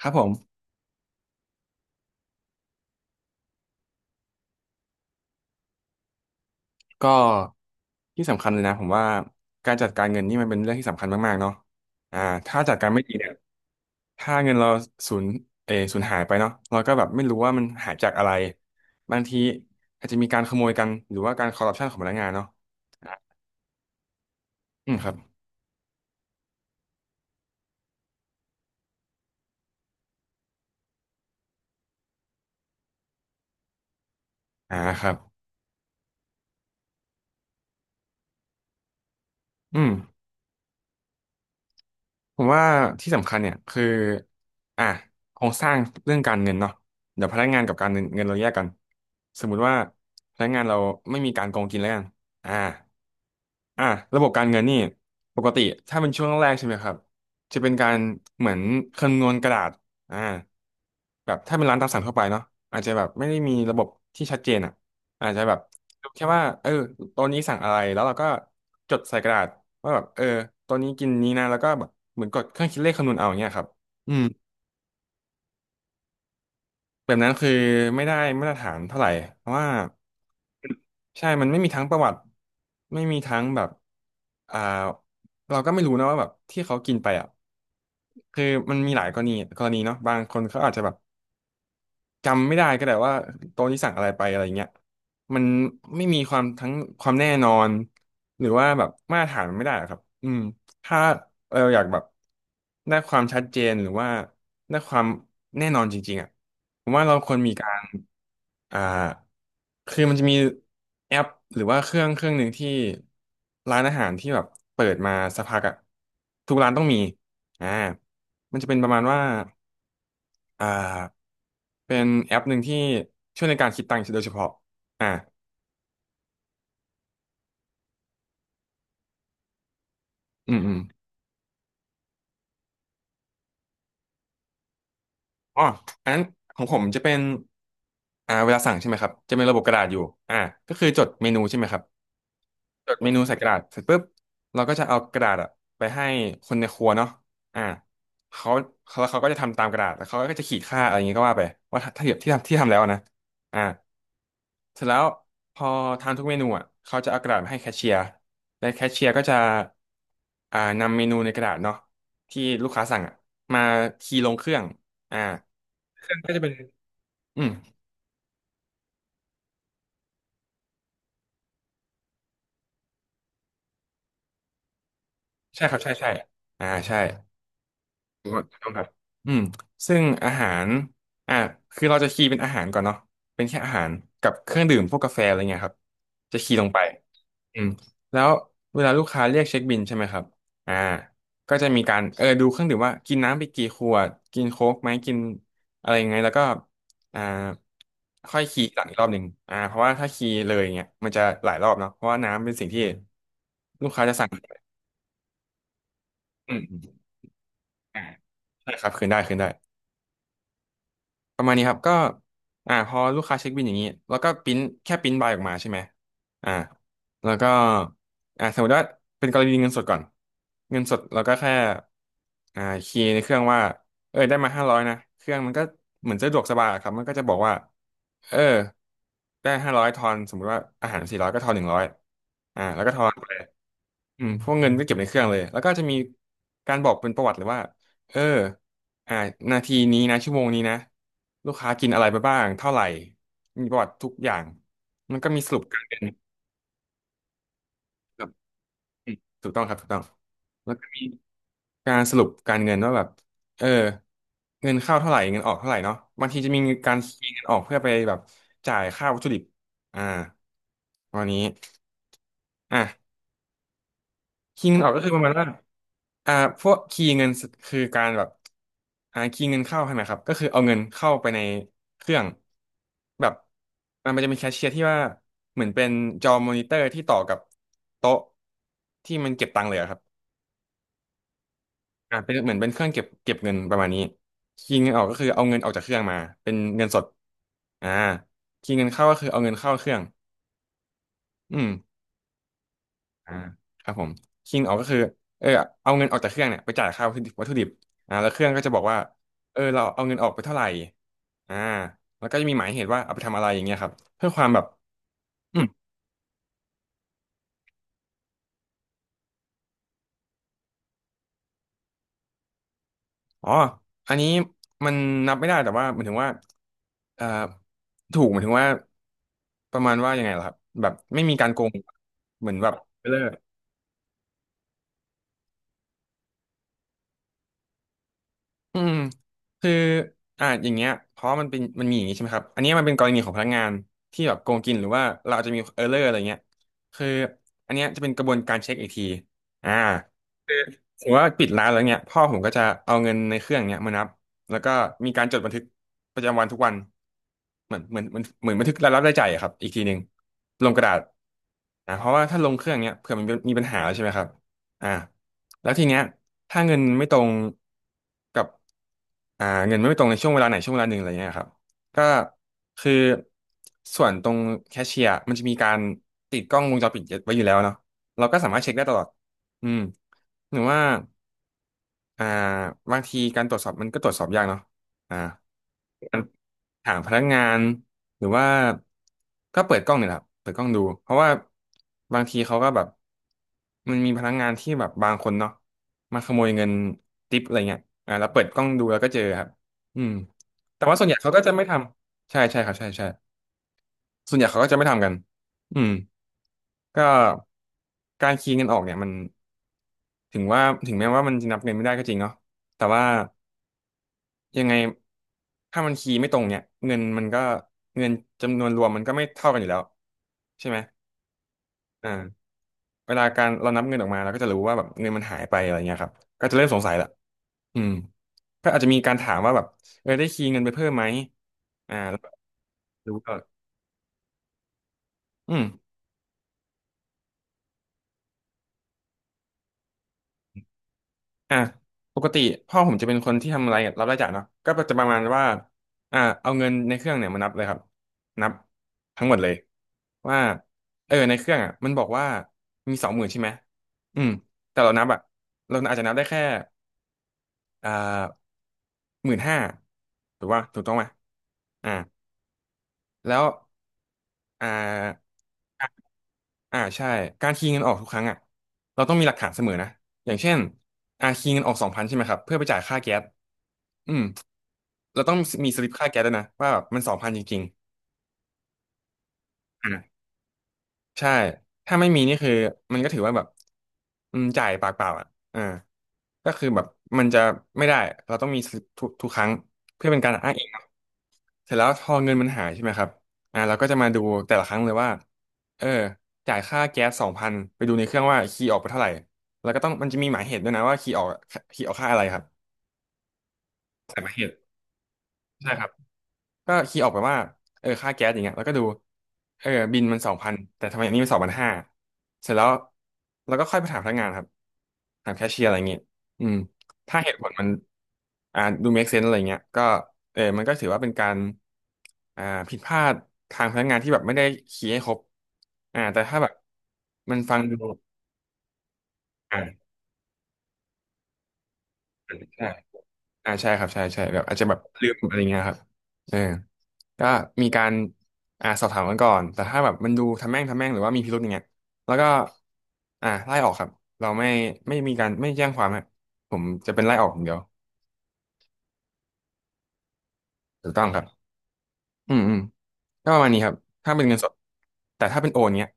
ครับผมก็ที่สำคัญเลยนะผมว่าการจัดการเงินนี่มันเป็นเรื่องที่สำคัญมากๆเนาะอ่าถ้าจัดการไม่ดีเนี่ยถ้าเงินเราสูญเออสูญหายไปเนาะเราก็แบบไม่รู้ว่ามันหายจากอะไรบางทีอาจจะมีการขโมยกันหรือว่าการคอร์รัปชันของพนักงานเนาะอืมครับครับอืม ผมว่าที่สำคัญเนี่ยคืออ่ะโครงสร้างเรื่องการเงินเนาะเดี๋ยวพนักงานกับการเงินเราแยกกันสมมุติว่าพนักงานเราไม่มีการโกงกินแล้วกันอ่าอ่ะระบบการเงินนี่ปกติถ้าเป็นช่วงแรกๆใช่ไหมครับจะเป็นการเหมือนคำนวณกระดาษอ่าแบบถ้าเป็นร้านตามสั่งทั่วไปเนาะอาจจะแบบไม่ได้มีระบบที่ชัดเจนอ่ะ อาจจะแบบดูแค่ว่าเออตัวนี้สั่งอะไรแล้วเราก็จดใส่กระดาษว่าแบบเออตัวนี้กินนี้นะแล้วก็แบบเหมือนกดเครื่องคิดเลขคำนวณเอาอย่างเงี้ยครับอืมแบบนั้นคือไม่ได้มาตรฐานเท่าไหร่เพราะว่าใช่มันไม่มีทั้งประวัติไม่มีทั้งแบบอ่าเราก็ไม่รู้นะว่าแบบที่เขากินไปอ่ะคือมันมีหลายกรณีกรณีเนาะบางคนเขาอาจจะแบบ จำไม่ได้ก็แต่ว่าโต๊ะนี้สั่งอะไรไปอะไรเงี้ยมันไม่มีความทั้งความแน่นอนหรือว่าแบบมาตรฐานมันไม่ได้อะครับอืมถ้าเราอยากแบบได้ความชัดเจนหรือว่าได้ความแน่นอนจริงๆอ่ะผมว่าเราควรมีการอ่าคือมันจะมีแอปหรือว่าเครื่องหนึ่งที่ร้านอาหารที่แบบเปิดมาสักพักอ่ะทุกร้านต้องมีอ่ามันจะเป็นประมาณว่าอ่า เป็นแอปหนึ่งที่ช่วยในการคิดตังค์โดยเฉพาะอ่าอืมอืมอ๋ออันนั้นของผมจะเป็นเวลาสั่งใช่ไหมครับ จะเป็นระบบกระดาษอยู่อ่าก็คือจดเมนูใช่ไหมครับ จดเมนูใส่กระดาษเสร็จปุ๊บเราก็จะเอากระดาษอะไปให้คนในครัวเนาะอ่าเขาแล้วเขาก็จะทำตามกระดาษแล้วเขาก็จะขีดค่าอะไรอย่างงี้ก็ว่าไปว่าถ้าเทียบที่ทำแล้วนะอ่าเสร็จแล้วพอทานทุกเมนูอ่ะเขาจะเอากระดาษมาให้แคชเชียร์และแคชเชียร์ก็จะอ่านำเมนูในกระดาษเนาะที่ลูกค้าสั่งอ่ะมาคีย์ลงเครื่องอ่าเครื่องก็จะเป็นอืมใช่ครับใช่ใช่อ่าใช่ ถูกอนต้องครับอืมซึ่งอาหารอ่ะคือเราจะคีย์เป็นอาหารก่อนเนาะเป็นแค่อาหารกับเครื่องดื่มพวกกาแฟอะไรเงี้ยครับจะคีย์ลงไปอืมแล้วเวลาลูกค้าเรียกเช็คบิลใช่ไหมครับอ่าก็จะมีการเออดูเครื่องดื่มว่ากินน้ำไปกี่ขวดกินโค้กไหมกินอะไรยังไงแล้วก็อ่าค่อยคีย์หลังอีกรอบหนึ่งเพราะว่าถ้าคีย์เลยเงี้ยมันจะหลายรอบเนาะเพราะว่าน้ำเป็นสิ่งที่ลูกค้าจะสั่งอืมอมอ่าใช่ครับคืนได้คืนได้ ประมาณนี้ครับก็พอลูกค้าเช็คบิลอย่างนี้แล้วก็ปริ้นแค่ปริ้นใบออกมาใช่ไหมอ่าแล้วก็สมมติว่าเป็นกรณีเงินสดก่อนเงินสดเราก็แค่คีย์ในเครื่องว่าเออได้มาห้าร้อยนะเครื่องมันก็เหมือนสะดวกสบายอะครับมันก็จะบอกว่าเออได้ห้าร้อยทอนสมมติว่าอาหาร400ก็ทอน100แล้วก็ทอน อืมพวกเงินก็เก็บในเครื่องเลยแล้วก็จะมีการบอกเป็นประวัติเลยว่าเอออ่านาทีนี้นะชั่วโมงนี้นะลูกค้ากินอะไรไปบ้างเท่าไหร่มีประวัติทุกอย่างมันก็มีสรุปการเงินครับอืมถูกต้องครับถูกต้องแล้วก็มีการสรุปการเงินว่าแบบเออเงินเข้าเท่าไหร่เงินออกเท่าไหร่เนาะบางทีจะมีการเคลียร์เงินออกเพื่อไปแบบจ่ายค่าวัตถุดิบอ่าวันนี้อ่ะ คีย์เงินออกก็คือประมาณว่าอ่าพวกคีย์เงินคือการแบบคีย์เงินเข้าใช่ไหมครับก็คือเอาเงินเข้าไปในเครื่องแบบมันจะมีแคชเชียร์ที่ว่าเหมือนเป็นจอมอนิเตอร์ที่ต่อกับโต๊ะที่มันเก็บตังค์เลยอะครับเป็นเหมือนเป็นเครื่องเก็บเงินประมาณนี้คีย์เงินออกก็คือเอาเงินออกจากเครื่องมา เป็นเงินสดอ่าคีย์เงินเข้าก็คือเอาเงินเข้าเครื่องอืม อ่าครับผมคิงออกก็คือเออเอาเงินออกจากเครื่องเนี่ยไปจ่ายค่าวัตถุดิบแล้วเครื่องก็จะบอกว่าเราเอาเงินออกไปเท่าไหร่อ่าแล้วก็จะมีหมายเหตุว่าเอาไปทำอะไรอย่างเงี้ยครับเพื่อความแบบอืมอ๋ออันนี้มันนับไม่ได้แต่ว่าหมายถึงว่าเอ่อถูกหมายถึงว่าประมาณว่ายังไงล่ะครับแบบไม่มีการโกงเหมือนแบบเบลอ อืมคืออย่างเงี้ยเพราะมันเป็นมันมีอย่างงี้ใช่ไหมครับอันเนี้ยมันเป็นกรณีของพนักงานที่แบบโกงกินหรือว่าเราอาจจะมีเออร์เลอร์อะไรเงี้ยคืออันเนี้ยจะเป็นกระบวนการเช็คอีกทีอ่า สมมติว่าปิดร้านแล้วเนี่ยพ่อผมก็จะเอาเงินในเครื่องเนี่ยมานับแล้วก็มีการจดบันทึกประจำวันทุกวันเหมือนเหมือนเหมือนเหมือนบันทึกรายรับรายจ่ายอะครับอีกทีหนึ่งลงกระดาษเพราะว่าถ้าลงเครื่องเนี่ยเผื่อมันมีปัญหาใช่ไหมครับอ่าแล้วทีเนี้ยถ้าเงินไม่ตรงกับเงินไม่ตรงในช่วงเวลาไหนช่วงเวลาหนึ่งอะไรเงี้ยครับก็คือส่วนตรงแคชเชียร์มันจะมีการติดกล้องวงจรปิดไว้อยู่แล้วเนาะเราก็สามารถเช็คได้ตลอดอืมหรือว่า อ่าบางทีการตรวจสอบมันก็ตรวจสอบยากเนาะอ่าการหาพนักงานหรือว่าก็เปิดกล้องเนี่ยแหละครับเปิดกล้องดูเพราะว่าบางทีเขาก็แบบมันมีพนักงานที่แบบบางคนเนาะมาขโมยเงินทิปอะไรเงี้ยแล้วเปิดกล้องดูแล้วก็เจอครับอืมแต่ว่าส่วนใหญ่เขาก็จะไม่ทำใช่ใช่ครับใช่ใช่ส่วนใหญ่เขาก็จะไม่ทำกันอืมก็การคีย์เงินออกเนี่ยมันถึงว่าถึงแม้ว่ามันจะนับเงินไม่ได้ก็จริงเนาะแต่ว่า ยังไงถ้ามันคีย์ไม่ตรงเนี่ยเงินมันก็เงินจำนวนรวมมันก็ไม่เท่ากันอยู่แล้วใช่ไหมอ่าเวลาการเรานับเงินออกมาเราก็จะรู้ว่าแบบเงินมันหายไปอะไรเงี้ยครับก็จะเริ่มสงสัยละอืมก็อาจจะมีการถามว่าแบบได้คีย์เงินไปเพิ่มไหมแล้วก็รู้ก็อืม อ่ะปกติพ่อผมจะเป็นคนที่ทำรายรับรายจ่ายเนาะก็จะประมาณว่าเอาเงินในเครื่องเนี่ยมานับเลยครับนับทั้งหมดเลยว่าในเครื่องอ่ะมันบอกว่ามี20,000ใช่ไหมอืมแต่เรานับอ่ะเราอาจจะนับได้แค่อ่า15,000ถูกว่าถูกต้องไหมอ่าแล้วอ่า ใช่การคีย์เงินออกทุกครั้งอ่ะเราต้องมีหลักฐานเสมอนะอย่างเช่นคีย์เงินออกสองพันใช่ไหมครับเพื่อไปจ่ายค่าแก๊สอืมเราต้องมีสลิปค่าแก๊สด้วยนะว่าแบบมันสองพันจริงๆใช่ถ้าไม่มีนี่คือมันก็ถือว่าแบบจ่ายปากเปล่าอ่ะอ่าก็คือแบบมันจะไม่ได้เราต้องมีสลิปทุกครั้งเพื่อเป็นการอ้างอิง เสร็จแล้วพอเงินมันหายใช่ไหมครับเราก็จะมาดูแต่ละครั้งเลยว่า เออจ่ายค่าแก๊ส2,000ไปดูในเครื่องว่าคีย์ออกไปเท่าไหร่ แล้วก็ต้องมันจะมีหมายเหตุด้วยนะว่าคีย์ออกคีย์ออกค่าอะไรครับใส่หมายเหตุ ใช่ครับ ก็คีย์ออกไปว่าค่าแก๊สอย่างเงี้ยแล้วก็ดูบินมันสองพันแต่ทำไมอันนี้มัน2,500เสร็จแล้วเราก็ค่อยไปถามพนักงานครับถามแคชเชียร์อะไรเงี้ยอืมถ้าเหตุผลมันดู make sense อะไรเงี้ยก็มันก็ถือว่าเป็นการอ่าผิดพลาดทางพนักงานที่แบบไม่ได้คีย์ให้ครบแต่ถ้าแบบมันฟังดูอ่าใช่ใช่ครับใช่ใช่แบบอาจจะแบบลืมอะไรเงี้ยครับเออ ก็มีการสอบถามกันก่อนแต่ถ้าแบบมันดูทำแม่งทำแม่งหรือว่ามีพิรุธอย่างเงี้ยแล้วก็ไล่ออกครับเราไม่ไม่มีการไม่แจ้งความฮะผมจะเป็นไล่ออกอย่างเดียวถูกต้องครับอืมอืมก็ประมาณนี้ครับถ้าเป็นเงินสดแต่ถ้าเป็นโอนเงี้ย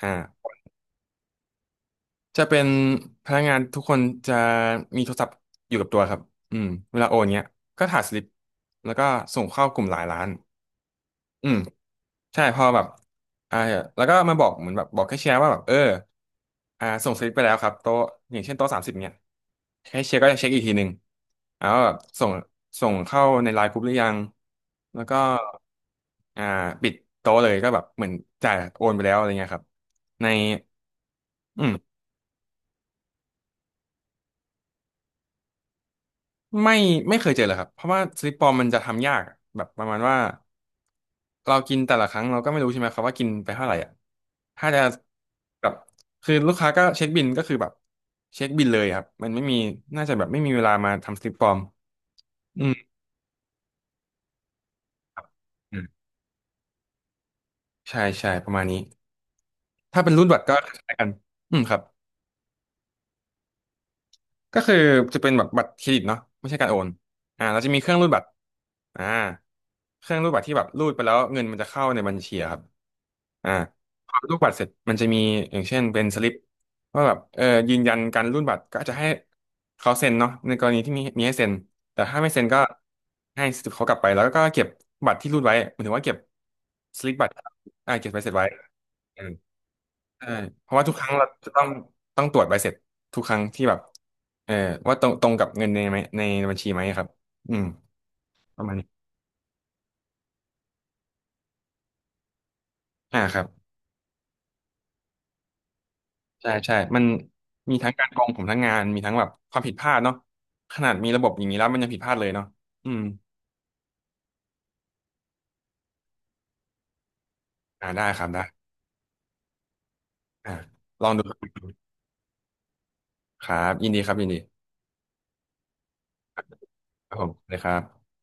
อ่าจะเป็นพนักงานทุกคนจะมีโทรศัพท์อยู่กับตัวครับอืมเวลาโอนเงี้ยก็ถ่ายสลิปแล้วก็ส่งเข้ากลุ่มหลายล้านอืม ใช่พอแบบอ่าแล้วก็มาบอกเหมือนแบบบอกแคชเชียร์ว่าแบบเออส่งสลิปไปแล้วครับโต๊ะอย่างเช่นโต๊ะ30เนี่ยแคชเชียร์ก็จะเช็คอีกทีหนึ่งแล้วาแบบส่งเข้าในไลน์กรุ๊ปหรือยังแล้วก็อ่าปิดโต๊ะเลยก็แบบเหมือนจ่ายโอนไปแล้วอะไรเงี้ยครับในอืม ไม่ไม่เคยเจอเลยครับเพราะว่าสลิปปลอมมันจะทำยากอะแบบประมาณว่าเรากินแต่ละครั้งเราก็ไม่รู้ใช่ไหมครับว่ากินไปเท่าไหร่อ่ะถ้าจะแบบคือลูกค้าก็เช็คบิลก็คือแบบเช็คบิลเลยครับมันไม่มีน่าจะแบบไม่มีเวลามาทำสลิปปลอมอืมครับอืมใช่ใช่ประมาณนี้ถ้าเป็นรูดบัตรก็คล้ายกันอืมครับก็คือจะเป็นแบบบัตรเครดิตเนาะไม่ใช่การโอนเราจะมีเครื่องรูดบัตรอ่าเครื่องรูดบัตรที่แบบรูดไปแล้วเงินมันจะเข้าในบัญชีอะครับ อ่าพอรูปบัตรเสร็จมันจะมีอย่างเช่นเป็นสลิปว่าแบบเออยืนยันการรูดบัตรก็อาจจะให้เขาเซ็นเนาะในกรณีที่มีให้เซ็นแต่ถ้าไม่เซ็นก็ให้สลิปเขากลับไปแล้วก็เก็บบัตรที่รูดไว้หมายถึงว่าเก็บสลิปบัตรเก็บใบเสร็จไว้อืมใช่เพราะว่าทุกครั้งเราจะต้องตรวจใบเสร็จทุกครั้งที่แบบเออว่าตรงกับเงินในไหมในบัญชีไหมครับอืมประมาณนี้ครับ ใช่ใช่ มันมีทั้งการกองผมทั้งงาน มีทั้งแบบความผิดพลาดเนาะขนาดมีระบบอย่างนี้แล้วมันยังผิดพลาดเลยเนาะอืมได้ครับได้อ่าลองดูครับ ยินดีครับยินดี ครับผมเลยครับ